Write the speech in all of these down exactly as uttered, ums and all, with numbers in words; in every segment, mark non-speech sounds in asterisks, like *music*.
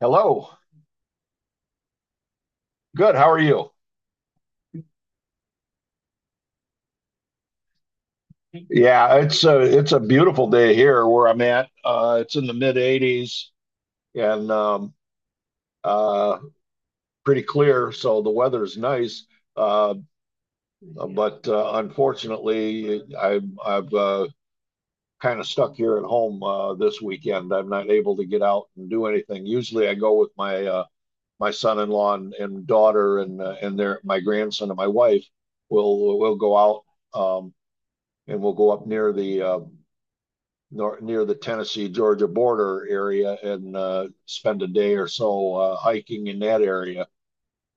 Hello. Good. How are you? Yeah, it's a it's a beautiful day here where I'm at. Uh, it's in the mid eighties and um, uh, pretty clear, so the weather's nice. Uh, but uh, Unfortunately, I, I've uh, kind of stuck here at home uh, this weekend. I'm not able to get out and do anything. Usually, I go with my uh, my son-in-law and, and daughter and uh, and their my grandson and my wife. We'll we'll go out um, and we'll go up near the uh, nor, near the Tennessee Georgia border area and uh, spend a day or so uh, hiking in that area.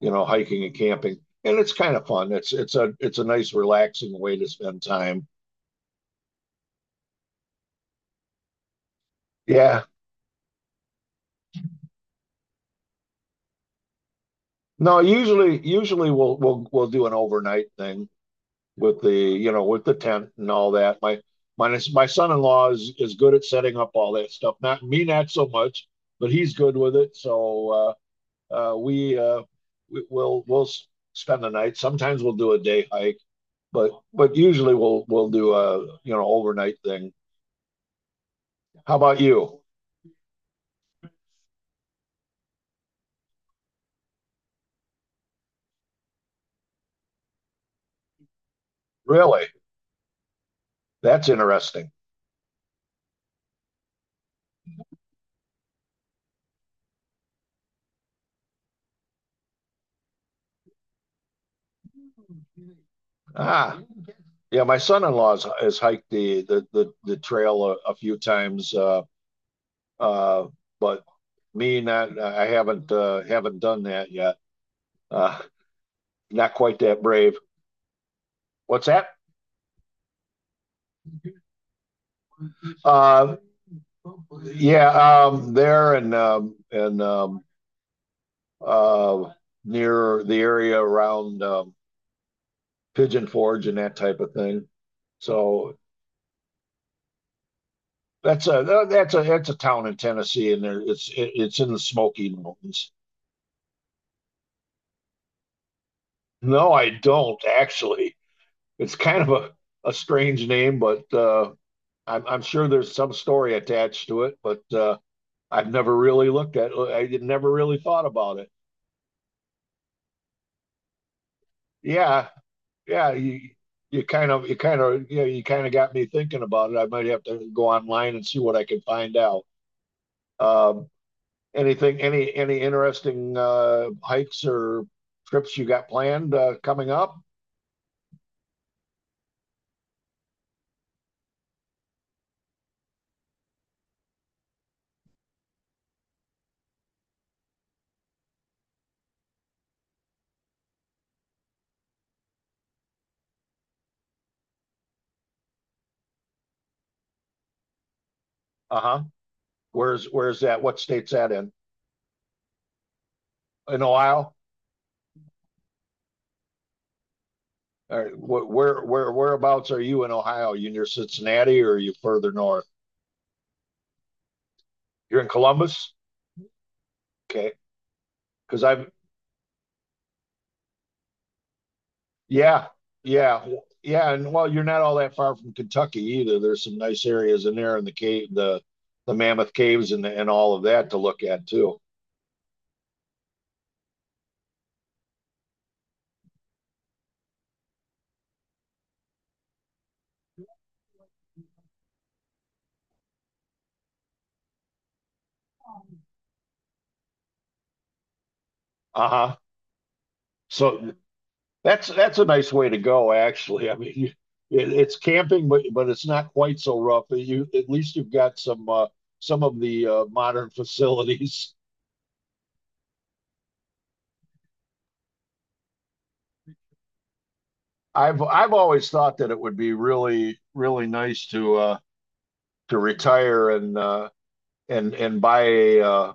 You know, hiking and camping, and it's kind of fun. It's it's a it's a nice relaxing way to spend time. Yeah. No, usually usually we'll we'll we'll do an overnight thing with the you know with the tent and all that. My my my son-in-law is is good at setting up all that stuff. Not me, not so much, but he's good with it. So uh, uh, we, uh, we will we'll spend the night. Sometimes we'll do a day hike, but but usually we'll we'll do a you know overnight thing. How about you? Really? That's interesting. Ah, yeah. My son-in-law has, has hiked the the the, the trail a, a few times, uh, uh, but me not. I haven't uh, haven't done that yet. Uh, Not quite that brave. What's that? Uh, yeah, um, there and um, and um, uh, near the area around um, Pigeon Forge and that type of thing. So that's a that's a that's a town in Tennessee, and there it's it, it's in the Smoky Mountains. No, I don't actually. It's kind of a, a strange name, but uh, I'm I'm sure there's some story attached to it. But uh, I've never really looked at. I never really thought about it. Yeah, yeah, you you kind of you kind of you know, you kind of got me thinking about it. I might have to go online and see what I can find out. Um, anything, any any interesting uh, hikes or trips you got planned uh, coming up? Uh-huh. Where's where's that? What state's that in? In Ohio? Or wh- where where Whereabouts are you in Ohio? You near Cincinnati or are you further north? You're in Columbus? Okay. Because I've Yeah, yeah, yeah. And well, you're not all that far from Kentucky either. There's some nice areas in there in the cave, the the Mammoth Caves and and all of that to look at too. Uh-huh. So that's that's a nice way to go, actually. I mean, *laughs* you, it, it's camping, but but it's not quite so rough. You at least you've got some uh, some of the uh, modern *laughs* facilities. I've I've always thought that it would be really really nice to uh, to retire and uh, and and buy a uh,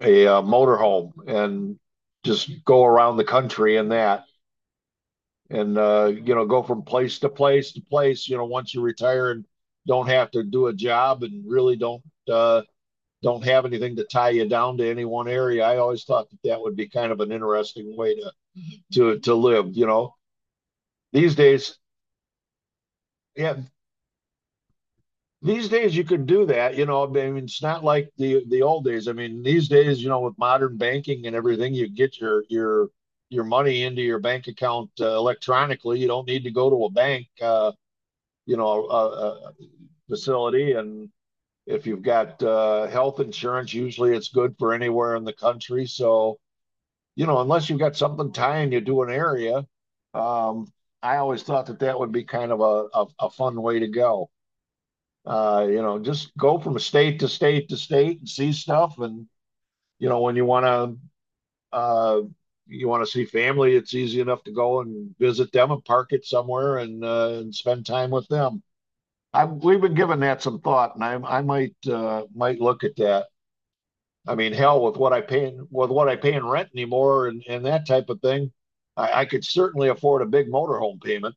a uh, motorhome and just go around the country in that and uh, you know go from place to place to place you know once you retire and don't have to do a job and really don't uh, don't have anything to tie you down to any one area. I always thought that that would be kind of an interesting way to to to live, you know. These days yeah these days you could do that, you know. I mean, it's not like the the old days. I mean, these days, you know, with modern banking and everything, you get your your your money into your bank account uh, electronically. You don't need to go to a bank, uh, you know, a, a facility. And if you've got uh, health insurance, usually it's good for anywhere in the country. So, you know, unless you've got something tying you to an area, um, I always thought that that would be kind of a, a, a fun way to go, uh, you know, just go from state to state to state and see stuff. And you know, when you want to uh, you want to see family, it's easy enough to go and visit them and park it somewhere and uh, and spend time with them. I, we've been giving that some thought, and I I might uh, might look at that. I mean, hell, with what I pay in- with what I pay in rent anymore and, and that type of thing, I, I could certainly afford a big motorhome payment.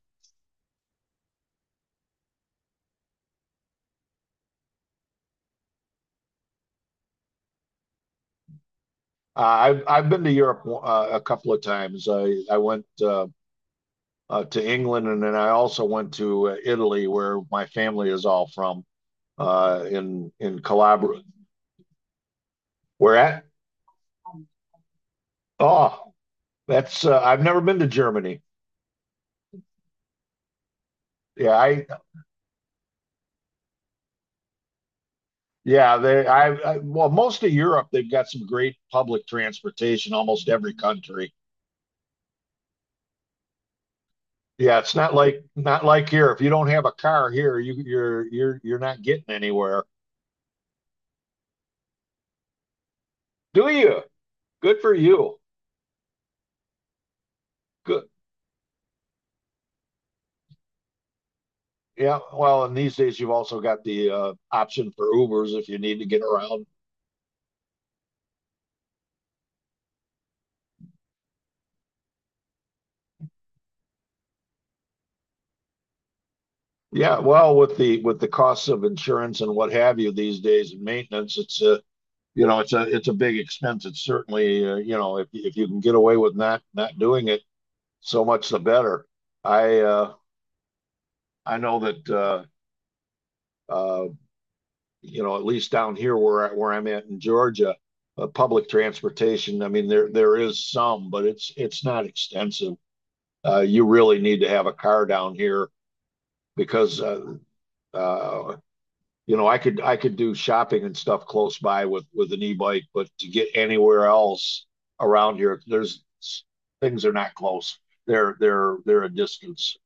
Uh, I've I've been to Europe uh, a couple of times. I I went uh, uh, to England, and then I also went to uh, Italy, where my family is all from, uh, in in Calabria. Where at? Oh, that's uh, I've never been to Germany. Yeah, I yeah they I, I well most of Europe they've got some great public transportation. Almost every country. Yeah, it's not like not like here. If you don't have a car here, you you're you're you're not getting anywhere. Do you? Good for you. Good. Yeah. Well, and these days you've also got the uh, option for Ubers if you need to get around. Yeah, well, with the with the costs of insurance and what have you these days and maintenance, it's a you know it's a it's a big expense. It's certainly uh, you know if if you can get away with not not doing it, so much the better. I uh, I know that uh, uh, you know at least down here where I- where I'm at in Georgia, uh, public transportation. I mean there there is some, but it's it's not extensive. Uh, you really need to have a car down here because uh, uh, you know, I could I could do shopping and stuff close by with with an e-bike, but to get anywhere else around here, there's things are not close. They're they're they're a distance.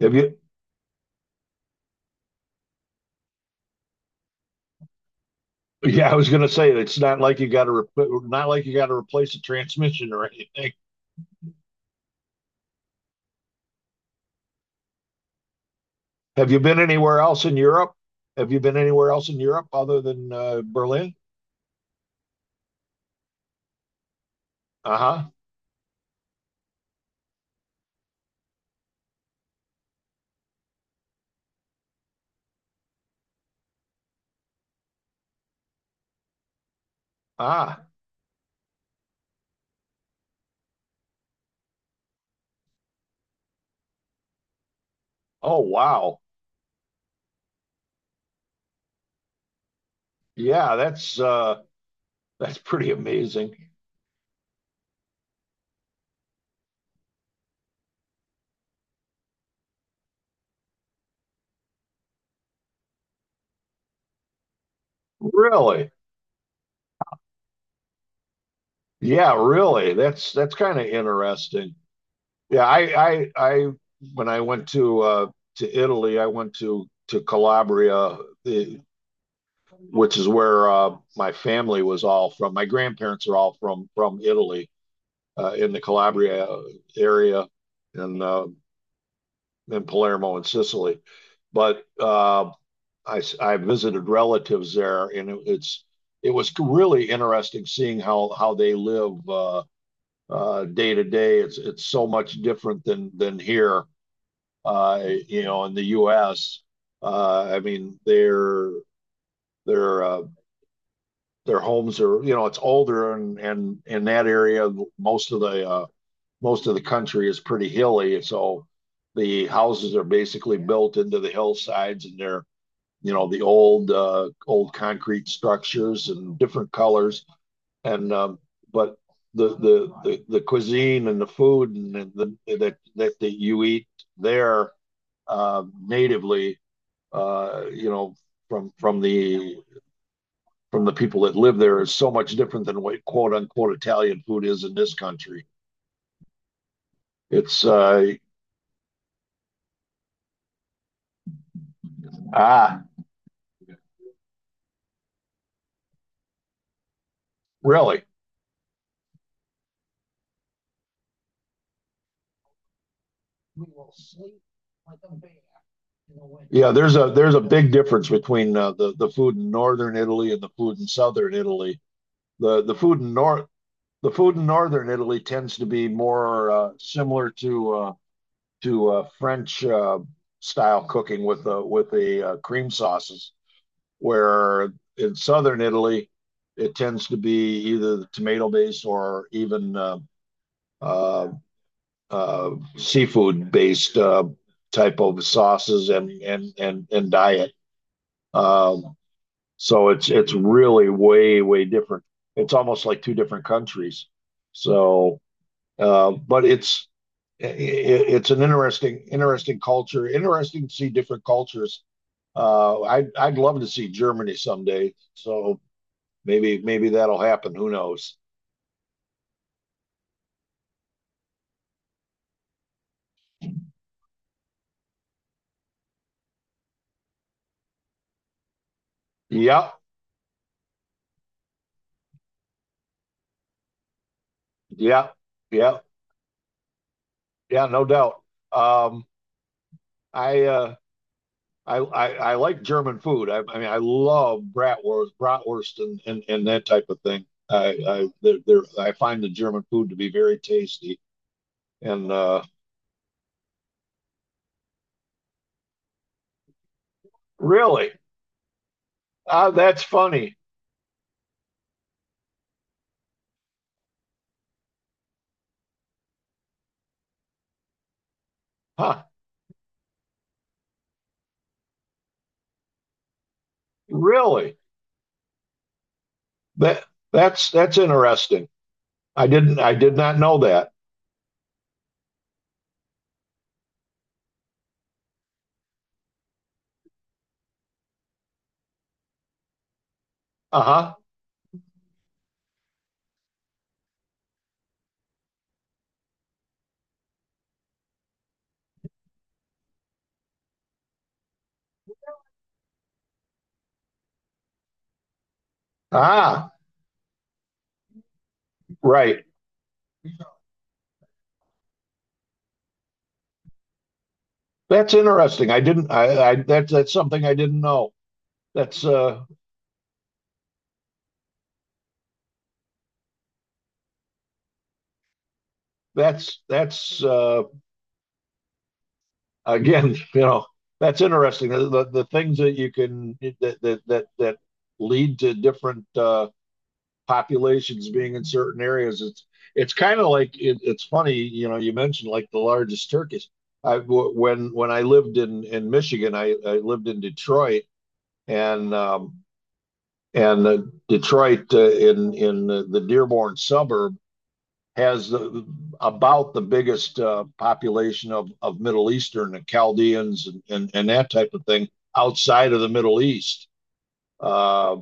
Have you? Yeah, I was gonna say it's not like you got to repl not like you got to replace a transmission or anything. Have you been anywhere else in Europe? Have you been anywhere else in Europe other than uh, Berlin? Uh-huh. Ah. Oh wow. Yeah, that's uh that's pretty amazing. Really? Yeah, really. That's that's kind of interesting. Yeah, I I I when I went to uh to Italy, I went to to Calabria, the, which is where uh my family was all from. My grandparents are all from from Italy, uh in the Calabria area and uh in Palermo in Sicily. But uh I s- I visited relatives there and it, it's it was really interesting seeing how how they live. Uh uh, day to day. It's it's so much different than than here. Uh, you know, in the U S, uh, I mean, their their uh, their homes are you know it's older and and in that area most of the uh, most of the country is pretty hilly, so the houses are basically built into the hillsides and they're you know the old uh, old concrete structures and different colors and um, but the, the the the cuisine and the food and the, the that that that you eat there uh, natively, uh, you know, from from the from the people that live there is so much different than what quote unquote Italian food is in this country. It's uh, ah, really. Yeah, there's a there's a big difference between uh, the the food in northern Italy and the food in southern Italy. The the food in north the food in northern Italy tends to be more uh, similar to uh, to uh, French uh, style cooking with the with the uh, cream sauces, where in southern Italy it tends to be either tomato based or even uh, uh, uh, seafood based uh, type of sauces and and and and diet. Um, so it's it's really way way different. It's almost like two different countries. So Uh, but it's i- it's an interesting interesting culture. Interesting to see different cultures. Uh, I'd I'd love to see Germany someday. So maybe maybe that'll happen. Who knows? Yeah, yeah, yeah, yeah. No doubt. Um, I, uh, I I I like German food. I, I mean, I love bratwurst, bratwurst, and and, and that type of thing. I I they're, they're, I find the German food to be very tasty. And uh, really, ah, that's funny. Huh? Really? That that's that's interesting. I didn't I did not know that. Uh-huh. Ah, right. That's interesting. I didn't I, I that's that's something I didn't know. That's uh that's that's uh again, *laughs* you know, that's interesting. The the, the things that you can that that that, that lead to different uh populations being in certain areas. It's it's kind of like it, it's funny, you know. You mentioned like the largest turkeys. I w- when when I lived in in Michigan, I, I lived in Detroit and um, and uh, Detroit uh, in in the, the Dearborn suburb has the, about the biggest uh, population of of Middle Eastern and Chaldeans and, and and that type of thing outside of the Middle East. Uh,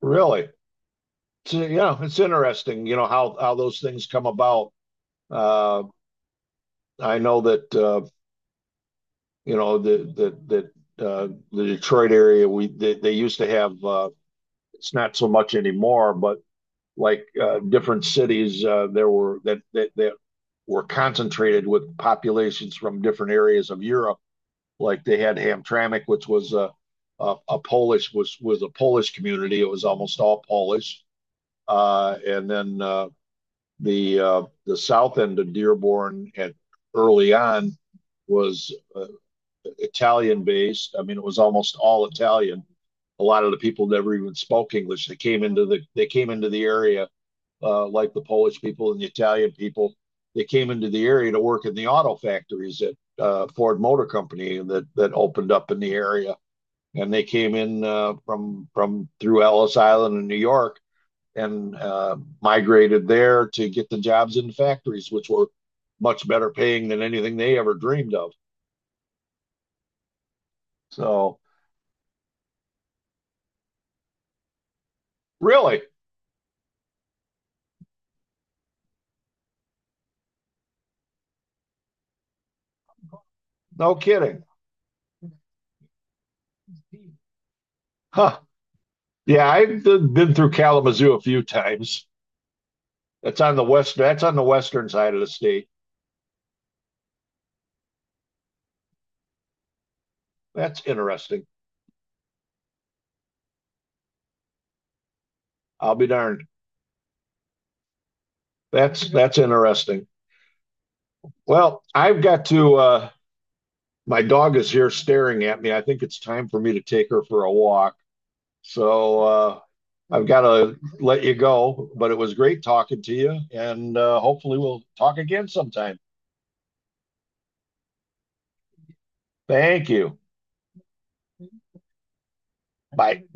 Really. So, yeah, it's interesting, you know, how how those things come about. Uh, I know that uh, you know that that that uh, the Detroit area we they, they used to have uh, it's not so much anymore, but like uh, different cities uh, there were that that that were concentrated with populations from different areas of Europe. Like they had Hamtramck, which was a a, a Polish was was a Polish community. It was almost all Polish, uh, and then uh, the uh, the south end of Dearborn at early on was uh, Italian based. I mean, it was almost all Italian. A lot of the people never even spoke English. They came into the they came into the area uh, like the Polish people and the Italian people. They came into the area to work in the auto factories at uh, Ford Motor Company that that opened up in the area, and they came in uh, from from through Ellis Island in New York and uh, migrated there to get the jobs in factories, which were much better paying than anything they ever dreamed of. So, really, no kidding. Huh. Yeah, I've been through Kalamazoo a few times. That's on the west. That's on the western side of the state. That's interesting. I'll be darned. That's that's interesting. Well, I've got to. Uh, my dog is here staring at me. I think it's time for me to take her for a walk. So uh, I've got to let you go, but it was great talking to you. And uh, hopefully we'll talk again sometime. Thank you. Bye.